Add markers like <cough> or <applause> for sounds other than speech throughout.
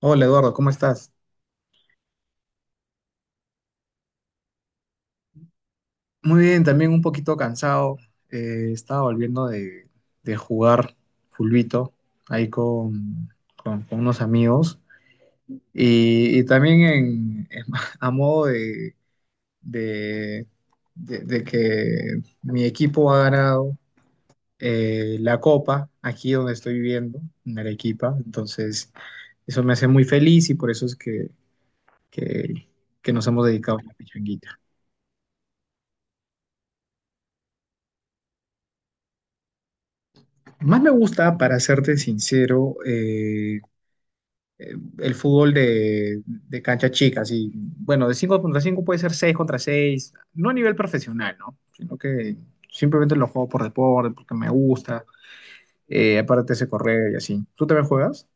Hola Eduardo, ¿cómo estás? Muy bien, también un poquito cansado. Estaba volviendo de jugar fulbito ahí con, con unos amigos. Y también <laughs> a modo de- de que mi equipo ha ganado la copa aquí donde estoy viviendo, en Arequipa. Entonces, eso me hace muy feliz y por eso es que, que nos hemos dedicado a la pichanguita. Más me gusta, para serte sincero, el fútbol de cancha chica, así, bueno, de 5 contra 5, puede ser 6 contra 6, no a nivel profesional, ¿no? Sino que simplemente lo juego por deporte, porque me gusta, aparte se correr y así. ¿Tú también juegas?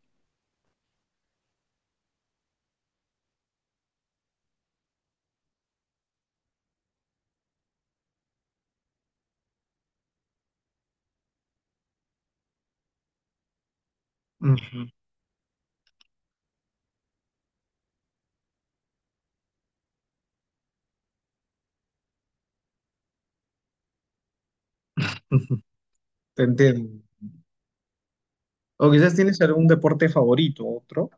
Ujú, ujú. Te entiendo. O quizás tienes algún deporte favorito, otro.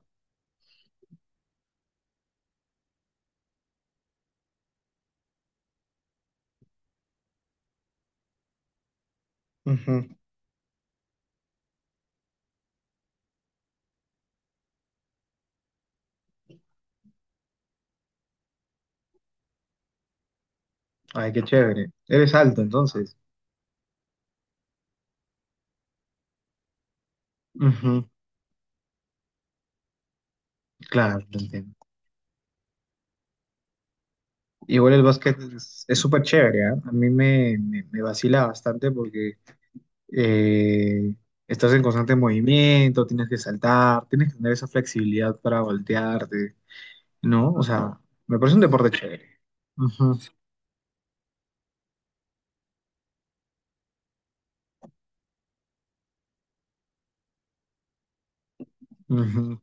Ujú. Ay, qué chévere. Eres alto, entonces. Ujú. Claro, te entiendo. Igual el básquet es súper chévere, ¿ah? A mí me vacila bastante porque eh, estás en constante movimiento, tienes que saltar, tienes que tener esa flexibilidad para voltearte, ¿no? O sea, me parece un deporte chévere. Ujú, ujú.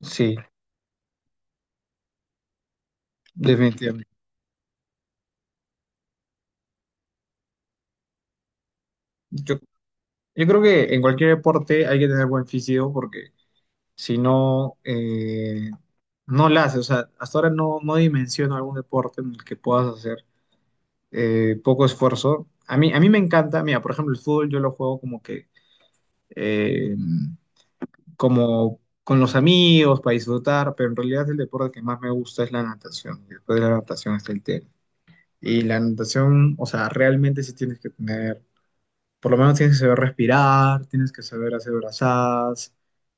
Sí, definitivamente. Yo, yo creo que en cualquier deporte hay que tener buen físico porque si no, no la haces. O sea, hasta ahora no dimensiono algún deporte en el que puedas hacer poco esfuerzo. A mí me encanta, mira, por ejemplo, el fútbol yo lo juego como eh, como con los amigos, para disfrutar, pero en realidad el deporte que más me gusta es la natación. Y después de la natación está el tenis. Y la natación, o sea, realmente sí tienes que tener, por lo menos tienes que saber respirar, tienes que saber hacer brazadas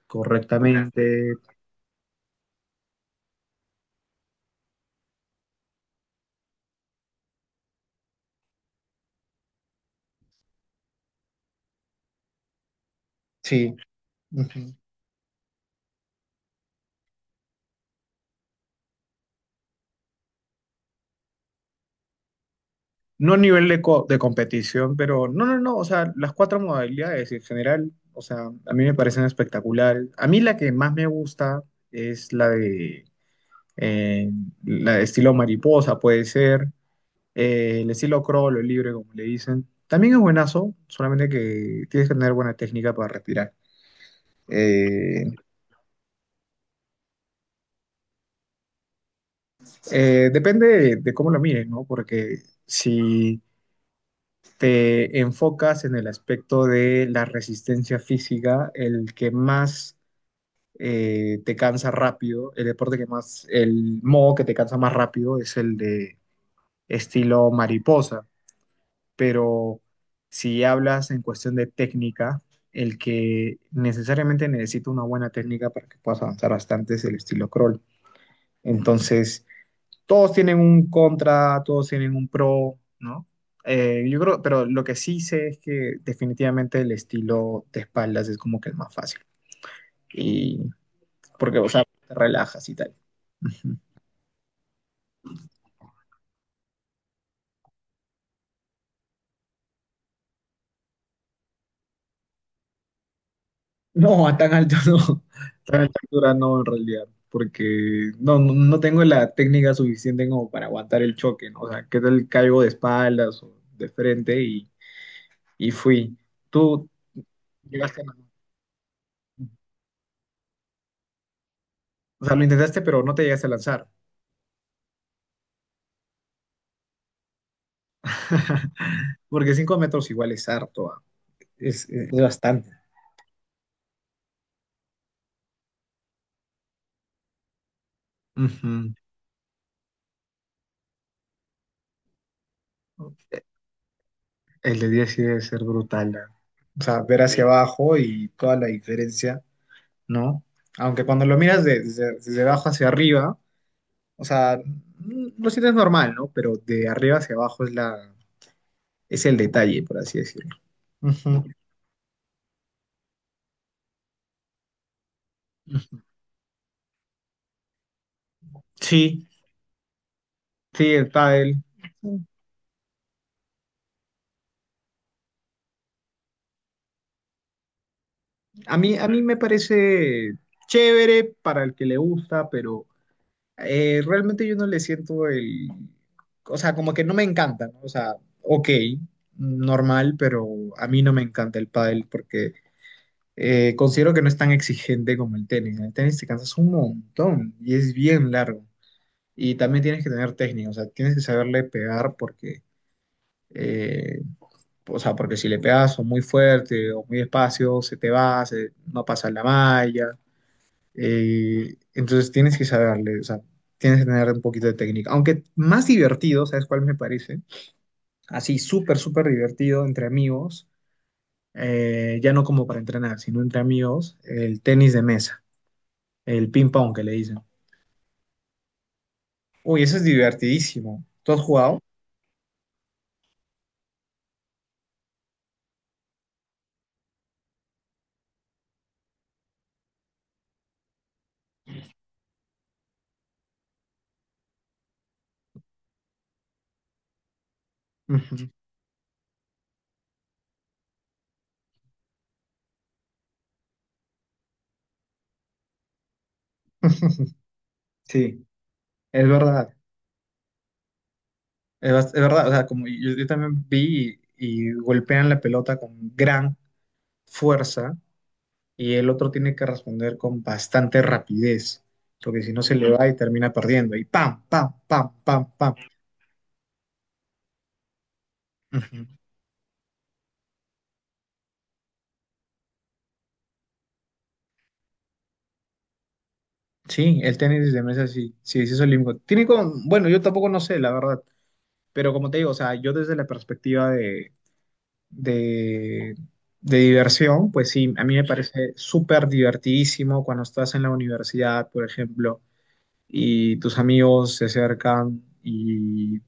correctamente. Sí. Ujú. No a nivel de competición, pero no, o sea, las cuatro modalidades en general, o sea, a mí me parecen espectacular. A mí la que más me gusta es la eh, la de estilo mariposa, puede ser, el estilo crawl o libre, como le dicen. También es buenazo, solamente que tienes que tener buena técnica para respirar. Eh, Depende de cómo lo mires, ¿no? Porque si te enfocas en el aspecto de la resistencia física, el que más te cansa rápido, el deporte que más, el modo que te cansa más rápido es el de estilo mariposa, pero si hablas en cuestión de técnica, el que necesariamente necesita una buena técnica para que puedas avanzar bastante es el estilo crawl. Entonces, todos tienen un contra, todos tienen un pro, ¿no? Yo creo, pero lo que sí sé es que definitivamente el estilo de espaldas es como que el más fácil. Y porque, o sea, te relajas y tal. <laughs> No, a tan alto no. <laughs> A tan alta altura no, en realidad. Porque no tengo la técnica suficiente como para aguantar el choque, ¿no? O sea, que tal caigo de espaldas o de frente y fui. Tú llegaste a... O sea, lo intentaste, pero no te llegaste a lanzar. <laughs> Porque 5 metros igual es harto, ah. Es bastante. Ujú. El de 10 sí debe ser brutal, ah. O sea, ver hacia abajo y toda la diferencia, ¿no? Aunque cuando lo miras desde abajo hacia arriba, o sea, mm, lo sientes normal, ¿no? Pero de arriba hacia abajo es es el detalle, por así decirlo. Ujú. Sí, sí, el pádel. A mí me parece chévere para el que le gusta, pero realmente yo no le siento o sea, como que no me encanta, ¿no? O sea, ok, normal, pero a mí no me encanta el pádel porque considero que no es tan exigente como el tenis. En el tenis te cansas un montón y es bien largo. Y también tienes que tener técnica, o sea, tienes que saberle pegar porque, eh, o sea, porque si le pegas o muy fuerte o muy despacio, se te va, se- no pasa la malla. Entonces tienes que saberle, o sea, tienes que tener un poquito de técnica. Aunque más divertido, ¿sabes cuál me parece? Así, súper divertido entre amigos, ya no como para entrenar, sino entre amigos, el tenis de mesa, el ping-pong que le dicen. Uy, eso es divertidísimo. ¿Tú has jugado? Ujú. Sí, es verdad. Es, bas- es verdad, o sea, como yo también vi y golpean la pelota con gran fuerza y el otro tiene que responder con bastante rapidez, porque si no se le va y termina perdiendo. Y pam, pam, pam, pam, pam. Ujú. Sí, el tenis de mesa sí es olímpico. Tiene como bueno, yo tampoco no sé, la verdad, pero como te digo, o sea, yo desde la perspectiva de, de diversión, pues sí, a mí me parece súper divertidísimo cuando estás en la universidad, por ejemplo, y tus amigos se acercan y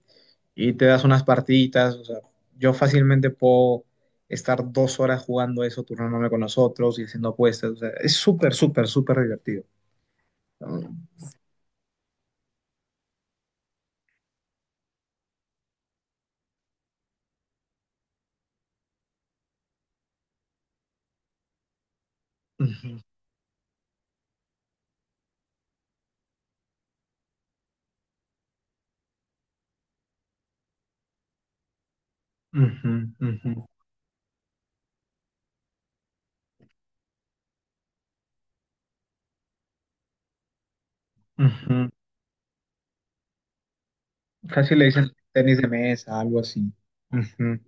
te das unas partiditas. O sea, yo fácilmente puedo estar 2 horas jugando eso, turnándome con nosotros y haciendo apuestas. O sea, es súper divertido. Ujú, ujú, ujú, ujú. Casi le dicen tenis de mesa, algo así. Ujú.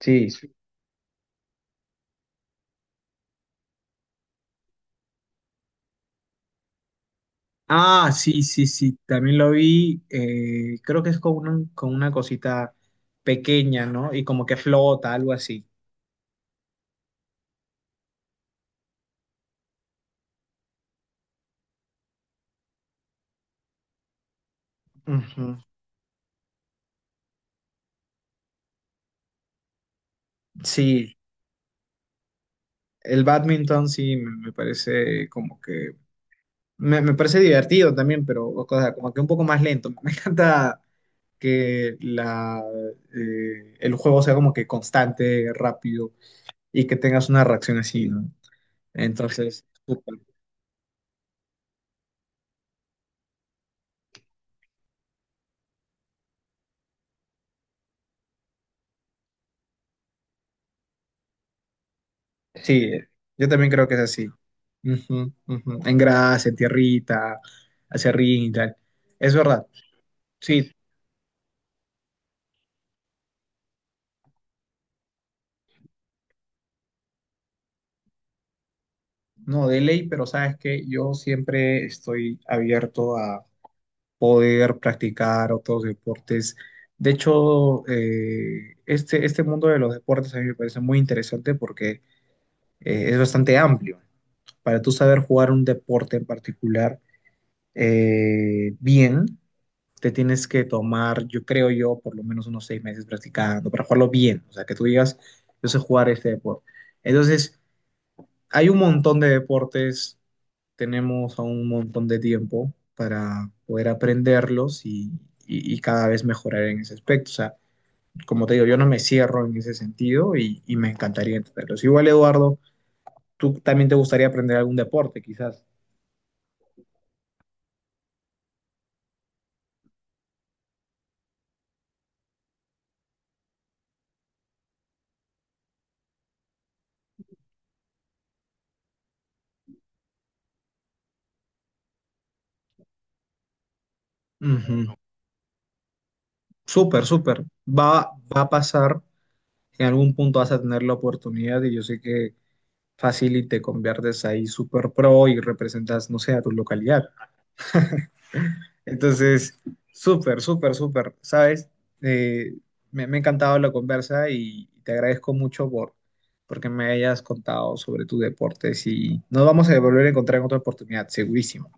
Sí, sí. Ah, sí, sí, sí. También lo vi. Creo que es con con una cosita pequeña, ¿no? Y como que flota, algo así. Ujú. Sí. El badminton sí me parece como que me parece divertido también, pero o sea, como que un poco más lento. <laughs> Me encanta que el juego sea como que constante, rápido y que tengas una reacción así, ¿no? Entonces, súper. Sí, yo también creo que es así. Ujú, ujú. En grasa, en tierrita, hacia ring y tal. Es verdad. Sí, no, de ley, pero sabes que yo siempre estoy abierto poder practicar otros deportes. De hecho, este mundo de los deportes a mí me parece muy interesante porque es bastante amplio. Para tú saber jugar un deporte en particular bien, te tienes que tomar, yo creo yo, por lo menos unos 6 meses practicando para jugarlo bien. O sea, que tú digas, yo sé jugar este deporte. Entonces, hay un montón de deportes, tenemos aún un montón de tiempo para poder aprenderlos y cada vez mejorar en ese aspecto. O sea, como te digo, yo no me cierro en ese sentido y me encantaría entenderlos. Igual, Eduardo, tú también te gustaría aprender algún deporte, quizás. Ujú. Súper, súper. Va, va a pasar, en algún punto vas a tener la oportunidad y yo sé que fácil y te conviertes ahí súper pro y representas, no sé, a tu localidad. Entonces, súper, súper, súper, ¿sabes? Eh, Me, me ha encantado la conversa y te agradezco mucho porque me hayas contado sobre tus deportes y nos vamos a volver a encontrar en otra oportunidad, segurísimo.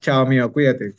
Chao, amigo, cuídate.